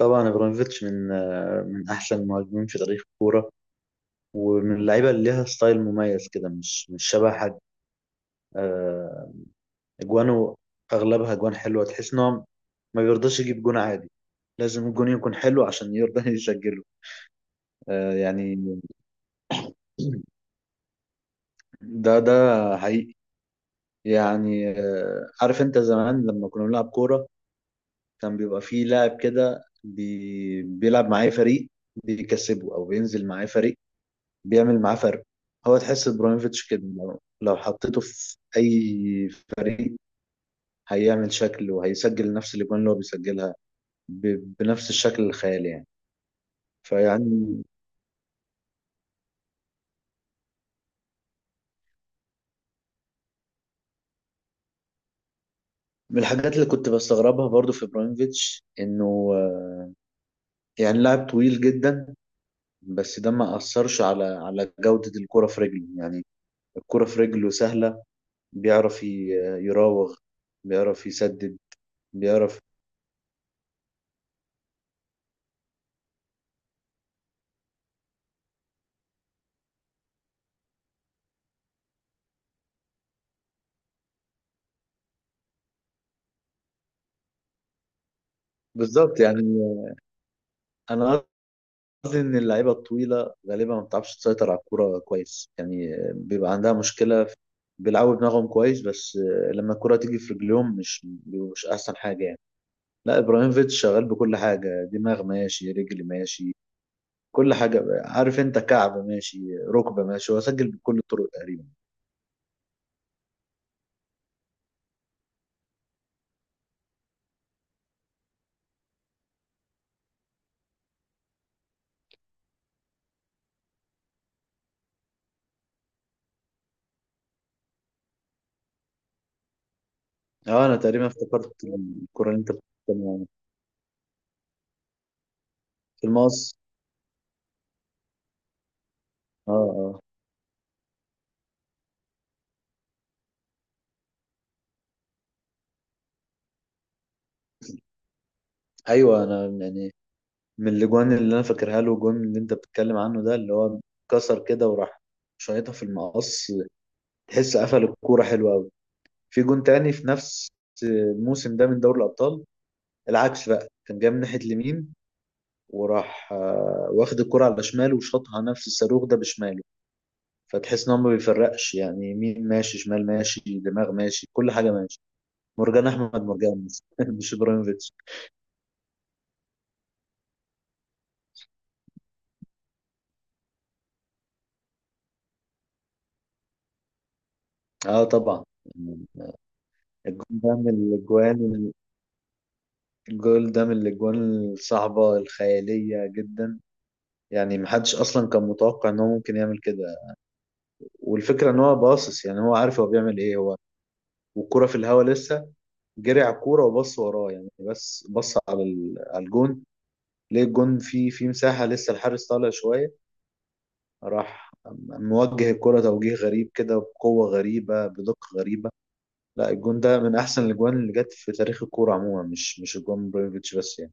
طبعا ابراهيموفيتش من من احسن المهاجمين في تاريخ الكوره، ومن اللعيبه اللي ليها ستايل مميز كده، مش شبه حد. آه، اجوانه اغلبها اجوان حلوه، تحس ان هو ما بيرضاش يجيب جون عادي، لازم الجون يكون حلو عشان يرضى يسجله. يعني ده حقيقي. يعني عارف انت زمان لما كنا بنلعب كوره، كان بيبقى فيه لاعب كده بيلعب معاه فريق بيكسبه، او بينزل معاه فريق بيعمل معاه فرق. هو تحس ابراهيموفيتش كده لو حطيته في اي فريق هيعمل شكل وهيسجل نفس الاجوان اللي هو بيسجلها بنفس الشكل الخيالي يعني. فيعني من الحاجات اللي كنت بستغربها برضو في ابراهيموفيتش انه، يعني، لاعب طويل جدا، بس ده ما اثرش على جودة الكرة في رجله يعني. الكرة في رجله سهلة، بيعرف يراوغ، بيعرف يسدد، بيعرف بالظبط يعني. انا قصدي ان اللعيبه الطويله غالبا ما بتعرفش تسيطر على الكوره كويس، يعني بيبقى عندها مشكله بيلعبوا دماغهم كويس، بس لما الكره تيجي في رجليهم مش بيبقوا مش احسن حاجه يعني. لا، ابراهيموفيتش شغال بكل حاجه، دماغ ماشي، رجل ماشي، كل حاجه، عارف انت، كعب ماشي، ركبه ماشي، هو سجل بكل الطرق تقريبا. اه انا تقريبا افتكرت الكره اللي انت بتتكلم عنها، في المقص. اه، اه، ايوه. انا يعني من الاجوان اللي انا فاكرها له الجون اللي انت بتتكلم عنه ده، اللي هو كسر كده وراح شايطها في المقص، تحس قفل الكوره حلو قوي. في جون تاني في نفس الموسم ده من دوري الابطال، العكس بقى، كان جاي من ناحيه اليمين وراح واخد الكرة على شماله وشاطها نفس الصاروخ ده بشماله. فتحس ان هو ما بيفرقش يعني، يمين ماشي، شمال ماشي، دماغ ماشي، كل حاجة ماشي. مرجان احمد مرجان مش ابراهيموفيتش. اه طبعا. يعني الجون ده من الاجوان، الجول ده من الاجوان الصعبة الخيالية جدا، يعني محدش اصلا كان متوقع ان هو ممكن يعمل كده. والفكرة ان هو باصص، يعني هو عارف هو بيعمل ايه، هو والكرة في الهوا لسه جري على الكورة وبص وراه، يعني بس بص على على الجون، ليه الجون في مساحة لسه الحارس طالع شوية، راح موجه الكرة توجيه غريب كده، بقوة غريبة، بدقة غريبة. لا الجون ده من احسن الاجوان اللي جت في تاريخ الكورة عموما، مش الجون بريفيتش بس يعني.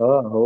اه، هو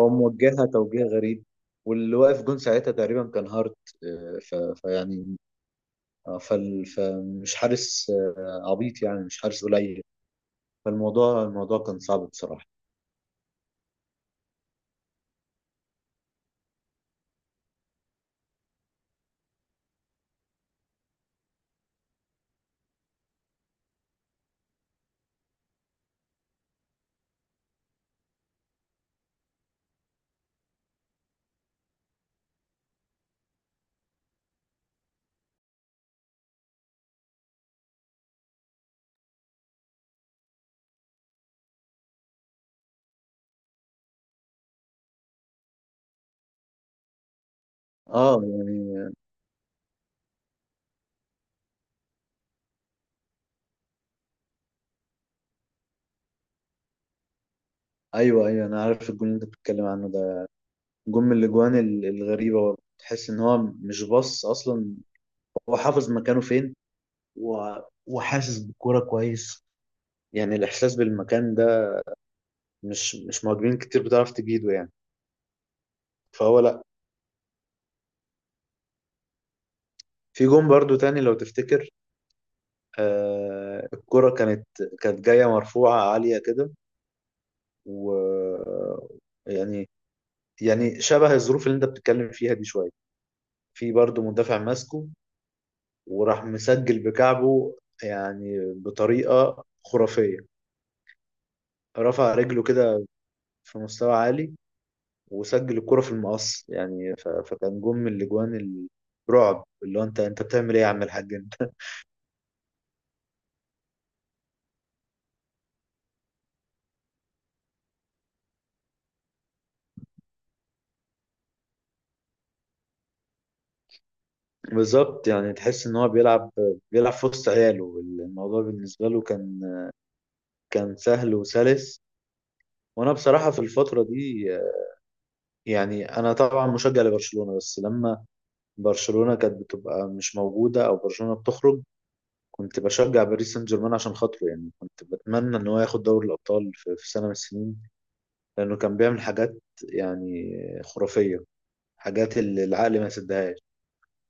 هو موجهها توجيه غريب، واللي واقف جون ساعتها تقريبا كان هارت. آه، ف... فيعني فمش حارس عبيط يعني، مش حارس قليل. فالموضوع كان صعب بصراحة. اه يعني ايوه، ايوه، انا عارف الجون اللي انت بتتكلم عنه ده. جون من الاجوان الغريبة برضه. تحس ان هو مش باص اصلا، هو حافظ مكانه فين، و... وحاسس بالكورة كويس. يعني الاحساس بالمكان ده مش مهاجمين كتير بتعرف تجيده يعني. فهو لا، في جون برضو تاني لو تفتكر، الكرة كانت، كانت جاية مرفوعة عالية كده، و، يعني، يعني شبه الظروف اللي انت بتتكلم فيها دي شوية. في برضو مدافع ماسكه وراح مسجل بكعبه، يعني بطريقة خرافية، رفع رجله كده في مستوى عالي وسجل الكرة في المقص يعني. فكان جون من الاجوان الرعب، اللي هو انت بتعمل ايه يا عم الحاج انت. بالظبط يعني، تحس ان هو بيلعب، بيلعب في وسط عياله، الموضوع بالنسبة له كان، كان سهل وسلس. وانا بصراحه في الفتره دي، يعني، انا طبعا مشجع لبرشلونه، بس لما برشلونه كانت بتبقى مش موجوده او برشلونه بتخرج كنت بشجع باريس سان جيرمان عشان خاطره. يعني كنت بتمنى ان هو ياخد دوري الابطال في سنه من السنين، لانه كان بيعمل حاجات، يعني، خرافيه، حاجات اللي العقل ما يصدقهاش.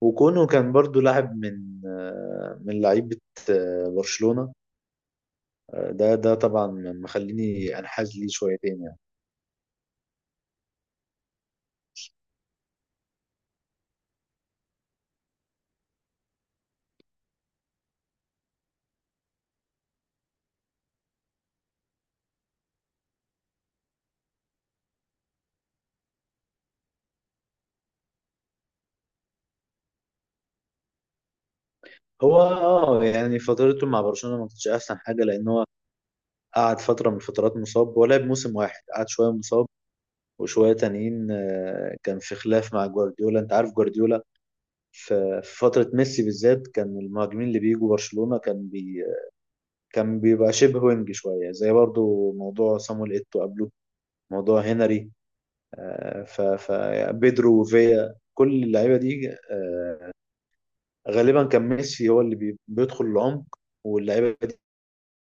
وكونه كان برضو لاعب من من لعيبه برشلونه، ده طبعا مخليني انحاز ليه شويتين. هو اه يعني فترته مع برشلونة ما كانتش احسن حاجة، لان هو قعد فترة من الفترات مصاب، ولعب موسم واحد قعد شوية مصاب، وشوية تانيين كان في خلاف مع جوارديولا، انت عارف جوارديولا. في فترة ميسي بالذات كان المهاجمين اللي بيجوا برشلونة كان كان بيبقى شبه وينج شوية، زي برضو موضوع صامويل ايتو قبله، موضوع هنري، آه، ف ف بيدرو وفيا، كل اللعيبة دي، غالبا كان ميسي هو اللي بيدخل العمق، واللعيبة دي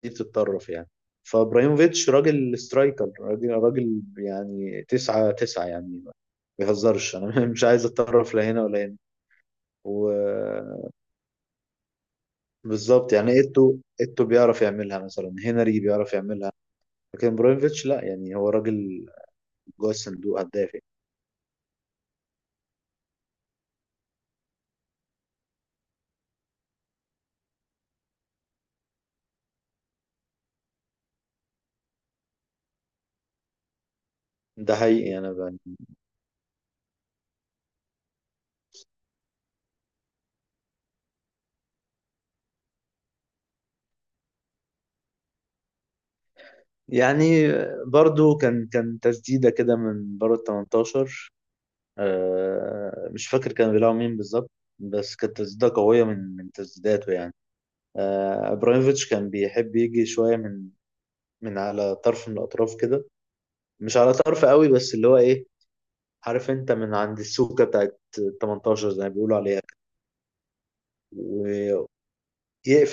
بتتطرف يعني. فابراهيموفيتش راجل سترايكر، راجل يعني، تسعة يعني، ما بيهزرش انا. مش عايز اتطرف لا هنا ولا هنا. وبالظبط يعني، ايتو بيعرف يعملها، مثلا هنري بيعرف يعملها، لكن ابراهيموفيتش لا، يعني هو راجل جوه الصندوق، هداف يعني. ده حقيقي انا بقى. يعني برضو كان تسديدة كده من بره ال 18. مش فاكر كان بيلعب مين بالظبط، بس كانت تسديدة قوية من تسديداته يعني. ابراهيموفيتش كان بيحب يجي شويه من من على طرف من الاطراف كده، مش على طرف قوي، بس اللي هو ايه، عارف انت، من عند السوكه بتاعت 18 زي ما بيقولوا عليها، ويقفل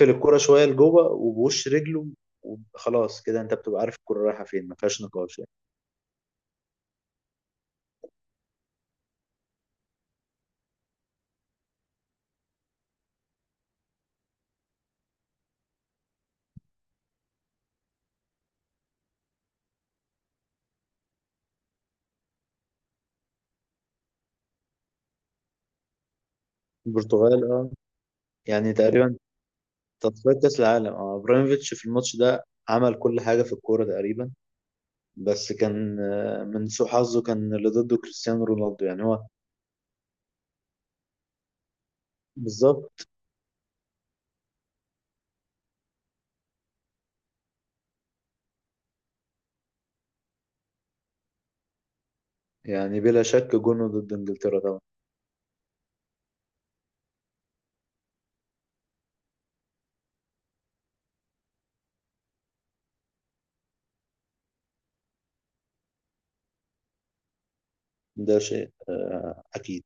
الكرة شويه لجوه وبوش رجله، وخلاص كده انت بتبقى عارف الكرة رايحه فين، ما فيهاش نقاش يعني. البرتغال، اه، يعني تقريبا تصفيات كاس العالم. اه ابراهيموفيتش في الماتش ده عمل كل حاجه في الكوره تقريبا، بس كان من سوء حظه كان اللي ضده كريستيانو رونالدو يعني هو. بالظبط يعني، بلا شك جونه ضد انجلترا طبعا. ده شيء اكيد.